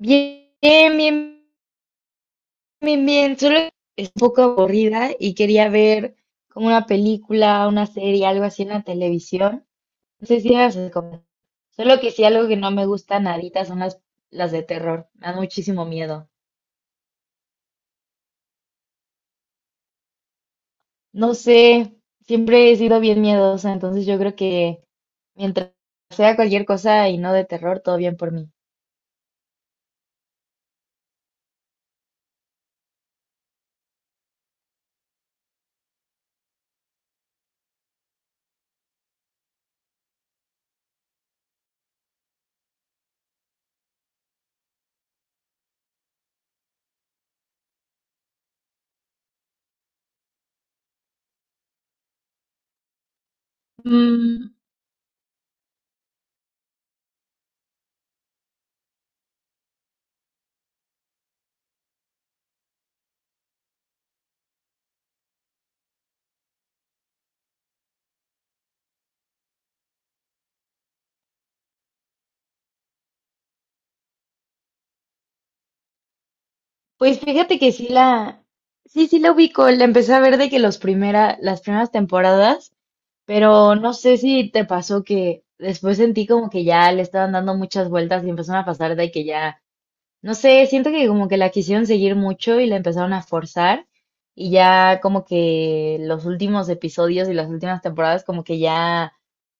Bien, bien, bien. Solo es un poco aburrida y quería ver como una película, una serie, algo así en la televisión. No sé si las recomiendas. Solo que sí, algo que no me gusta nadita son las de terror. Me dan muchísimo miedo. No sé, siempre he sido bien miedosa, entonces yo creo que mientras sea cualquier cosa y no de terror, todo bien por mí. Mm, pues fíjate que sí sí, sí la ubico. La empecé a ver de que las primeras temporadas. Pero no sé si te pasó que después sentí como que ya le estaban dando muchas vueltas y empezaron a pasar de que ya, no sé, siento que como que la quisieron seguir mucho y la empezaron a forzar y ya como que los últimos episodios y las últimas temporadas como que ya,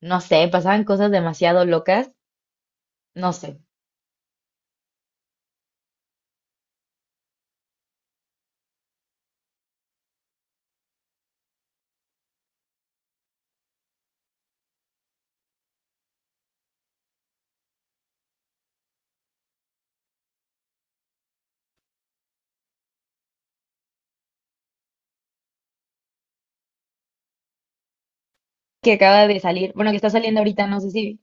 no sé, pasaban cosas demasiado locas, no sé, que acaba de salir, bueno, que está saliendo ahorita, no sé si,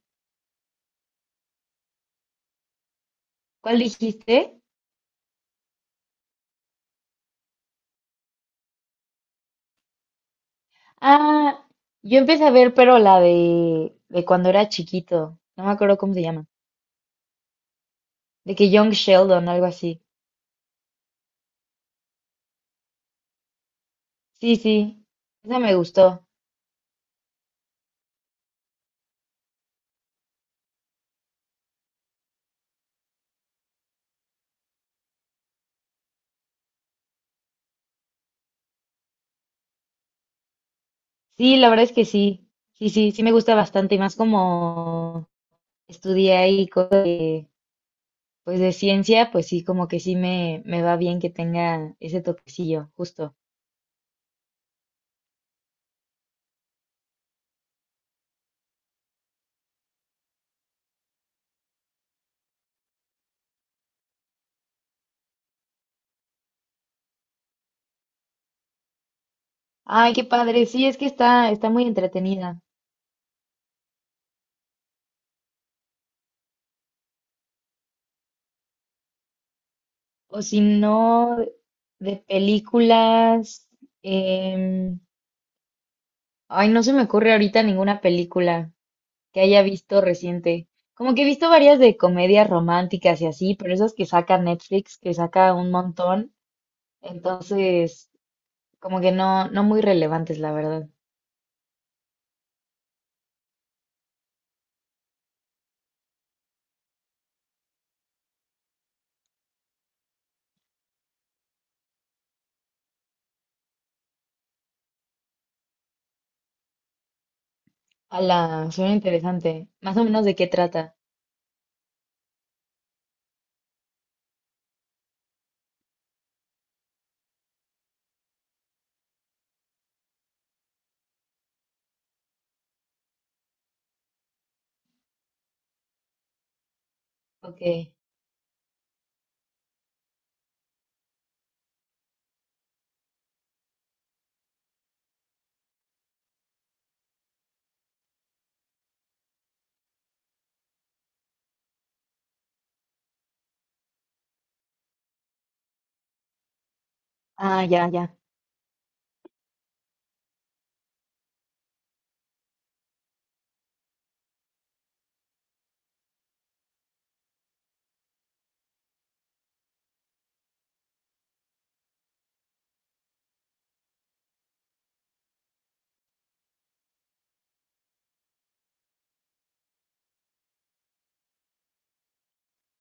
¿cuál dijiste? Ah, yo empecé a ver, pero de cuando era chiquito, no me acuerdo cómo se llama. De que Young Sheldon, algo así. Sí, sí, esa me gustó. Sí, la verdad es que sí. Sí, sí, sí me gusta bastante y más como estudié ahí cosas de, pues de ciencia, pues sí, como que sí me va bien que tenga ese toquecillo, justo. Ay, qué padre. Sí, es que está muy entretenida. O si no, de películas. em, Ay, no se me ocurre ahorita ninguna película que haya visto reciente. Como que he visto varias de comedias románticas y así, pero esas que saca Netflix, que saca un montón, entonces como que no, no muy relevantes, la verdad. Ala, suena interesante. Más o menos de qué trata. Ok. Ah, ya, ya.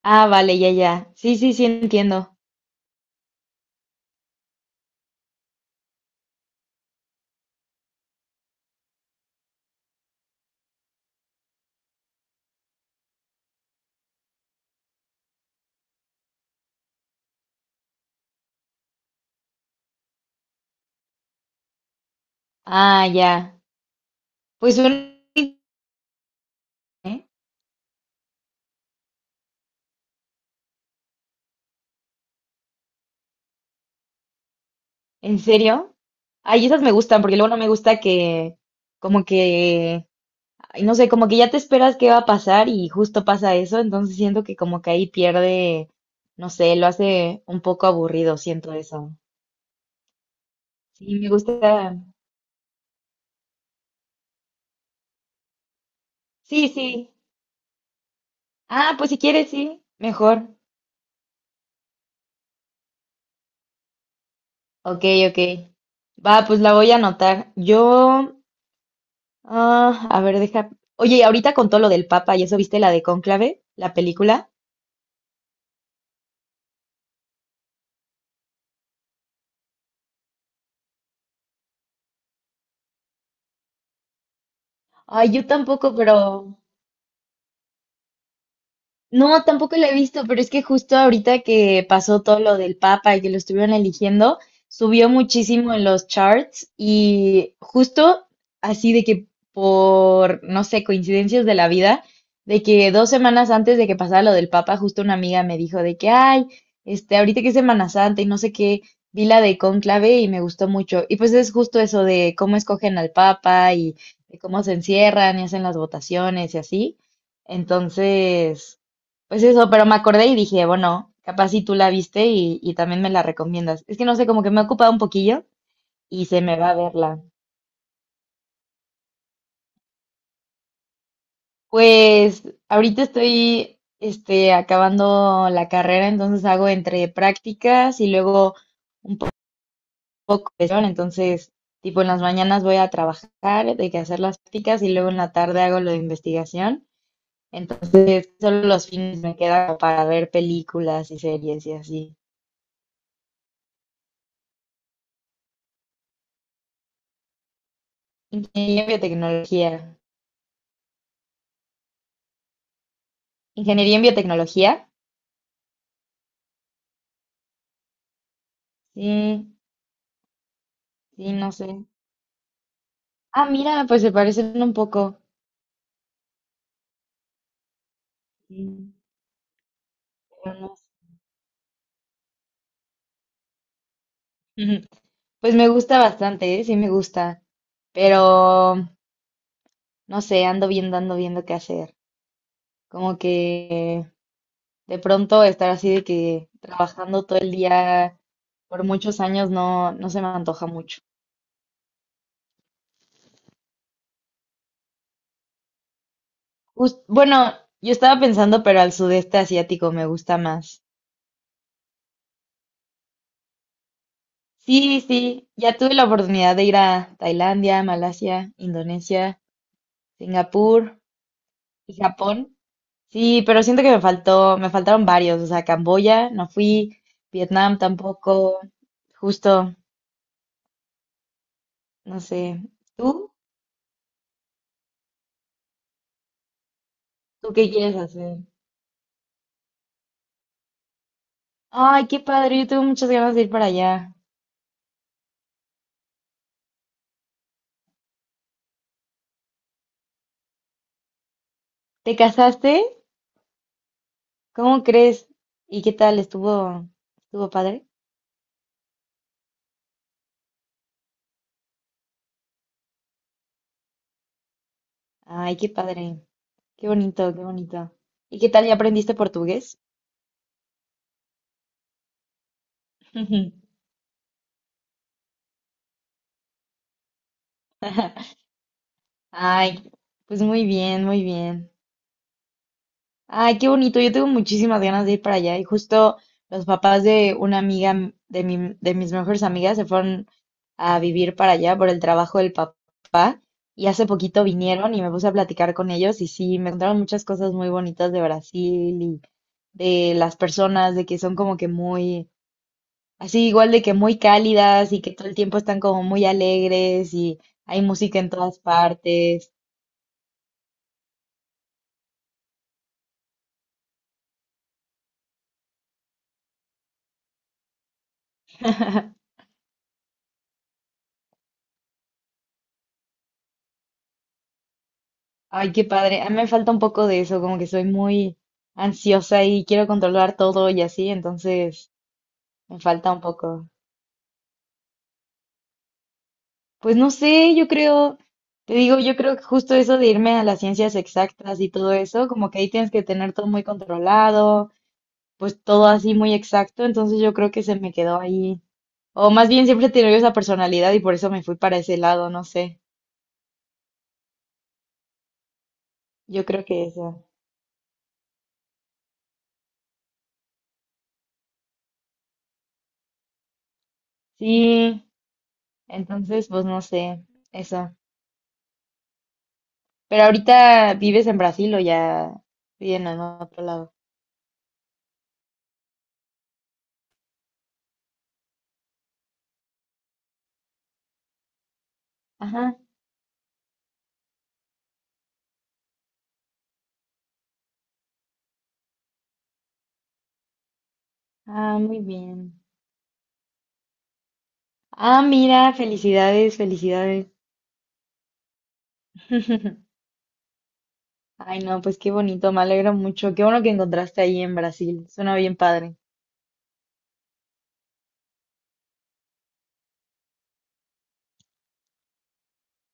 Ah, vale, ya, ya. Sí, sí, sí, entiendo. Ah, ya. Pues suena... ¿Eh? ¿En serio? Ay, esas me gustan, porque luego no me gusta que, como que ay, no sé, como que ya te esperas qué va a pasar y justo pasa eso, entonces siento que como que ahí pierde, no sé, lo hace un poco aburrido, siento eso. Sí, me gusta. Sí, sí. Ah, pues si quieres, sí, mejor. Ok, ok. Va, pues la voy a anotar. Yo, ah, a ver, deja. Oye, ahorita con todo lo del Papa y eso, ¿viste la de Cónclave, la película? Ay, yo tampoco, pero no, tampoco la he visto, pero es que justo ahorita que pasó todo lo del Papa y que lo estuvieron eligiendo, subió muchísimo en los charts y justo así de que por, no sé, coincidencias de la vida, de que dos semanas antes de que pasara lo del Papa, justo una amiga me dijo de que, ay, este, ahorita que es Semana Santa y no sé qué, vi la de Cónclave y me gustó mucho. Y pues es justo eso de cómo escogen al Papa y de cómo se encierran y hacen las votaciones y así. Entonces... Pues eso, pero me acordé y dije, bueno, capaz si tú la viste y también me la recomiendas. Es que no sé, como que me ha ocupado un poquillo y se me va a verla. Pues ahorita estoy este, acabando la carrera, entonces hago entre prácticas y luego poco de sesión, entonces tipo en las mañanas voy a trabajar, de que hacer las prácticas y luego en la tarde hago lo de investigación. Entonces solo los fines me quedan para ver películas y series y así. Ingeniería en biotecnología. Ingeniería en biotecnología. Sí, sí, no sé. Ah, mira, pues se parecen un poco. Sí, pero no sé. Pues me gusta bastante, ¿eh? Sí me gusta, pero no sé, ando viendo qué hacer. Como que de pronto estar así de que trabajando todo el día por muchos años no, no se me antoja mucho. Bueno, yo estaba pensando, pero al sudeste asiático me gusta más. Sí, sí, ya tuve la oportunidad de ir a Tailandia, Malasia, Indonesia. Singapur, ¿y Japón? Sí, pero siento que me faltaron varios. O sea, Camboya no fui, Vietnam tampoco. Justo, no sé. ¿Tú? ¿Tú qué quieres hacer? Ay, qué padre, yo tuve muchas ganas de ir para allá. ¿Te casaste? ¿Cómo crees? ¿Y qué tal? ¿Estuvo padre? Ay, qué padre. Qué bonito, qué bonito. ¿Y qué tal? ¿Ya aprendiste portugués? Ay, pues muy bien, muy bien. Ay, qué bonito. Yo tengo muchísimas ganas de ir para allá. Y justo los papás de una amiga de mis mejores amigas se fueron a vivir para allá por el trabajo del papá. Y hace poquito vinieron y me puse a platicar con ellos y sí, me contaron muchas cosas muy bonitas de Brasil y de las personas, de que son como que muy, así igual de que muy cálidas y que todo el tiempo están como muy alegres y hay música en todas partes. Ay, qué padre. A mí me falta un poco de eso, como que soy muy ansiosa y quiero controlar todo y así, entonces me falta un poco. Pues no sé, yo creo, te digo, yo creo que justo eso de irme a las ciencias exactas y todo eso, como que ahí tienes que tener todo muy controlado, pues todo así muy exacto, entonces yo creo que se me quedó ahí. O más bien siempre he tenido esa personalidad y por eso me fui para ese lado, no sé. Yo creo que eso. Sí, entonces pues no sé, eso. Pero ahorita vives en Brasil o ya viven en otro lado. Ajá. Ah, muy bien. Ah, mira, felicidades, felicidades. Ay, no, pues qué bonito, me alegro mucho. Qué bueno que encontraste ahí en Brasil. Suena bien padre.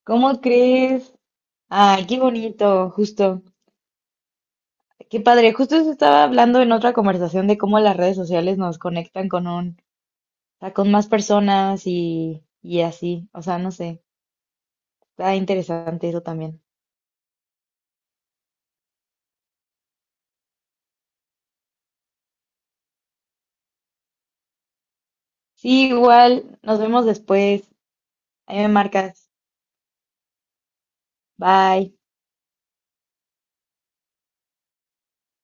¿Cómo crees? Ay, qué bonito, justo. Qué padre. Justo eso estaba hablando en otra conversación de cómo las redes sociales nos conectan con un, o sea, con más personas y así. O sea, no sé. Está interesante eso también. Sí, igual. Nos vemos después. Ahí me marcas. Bye.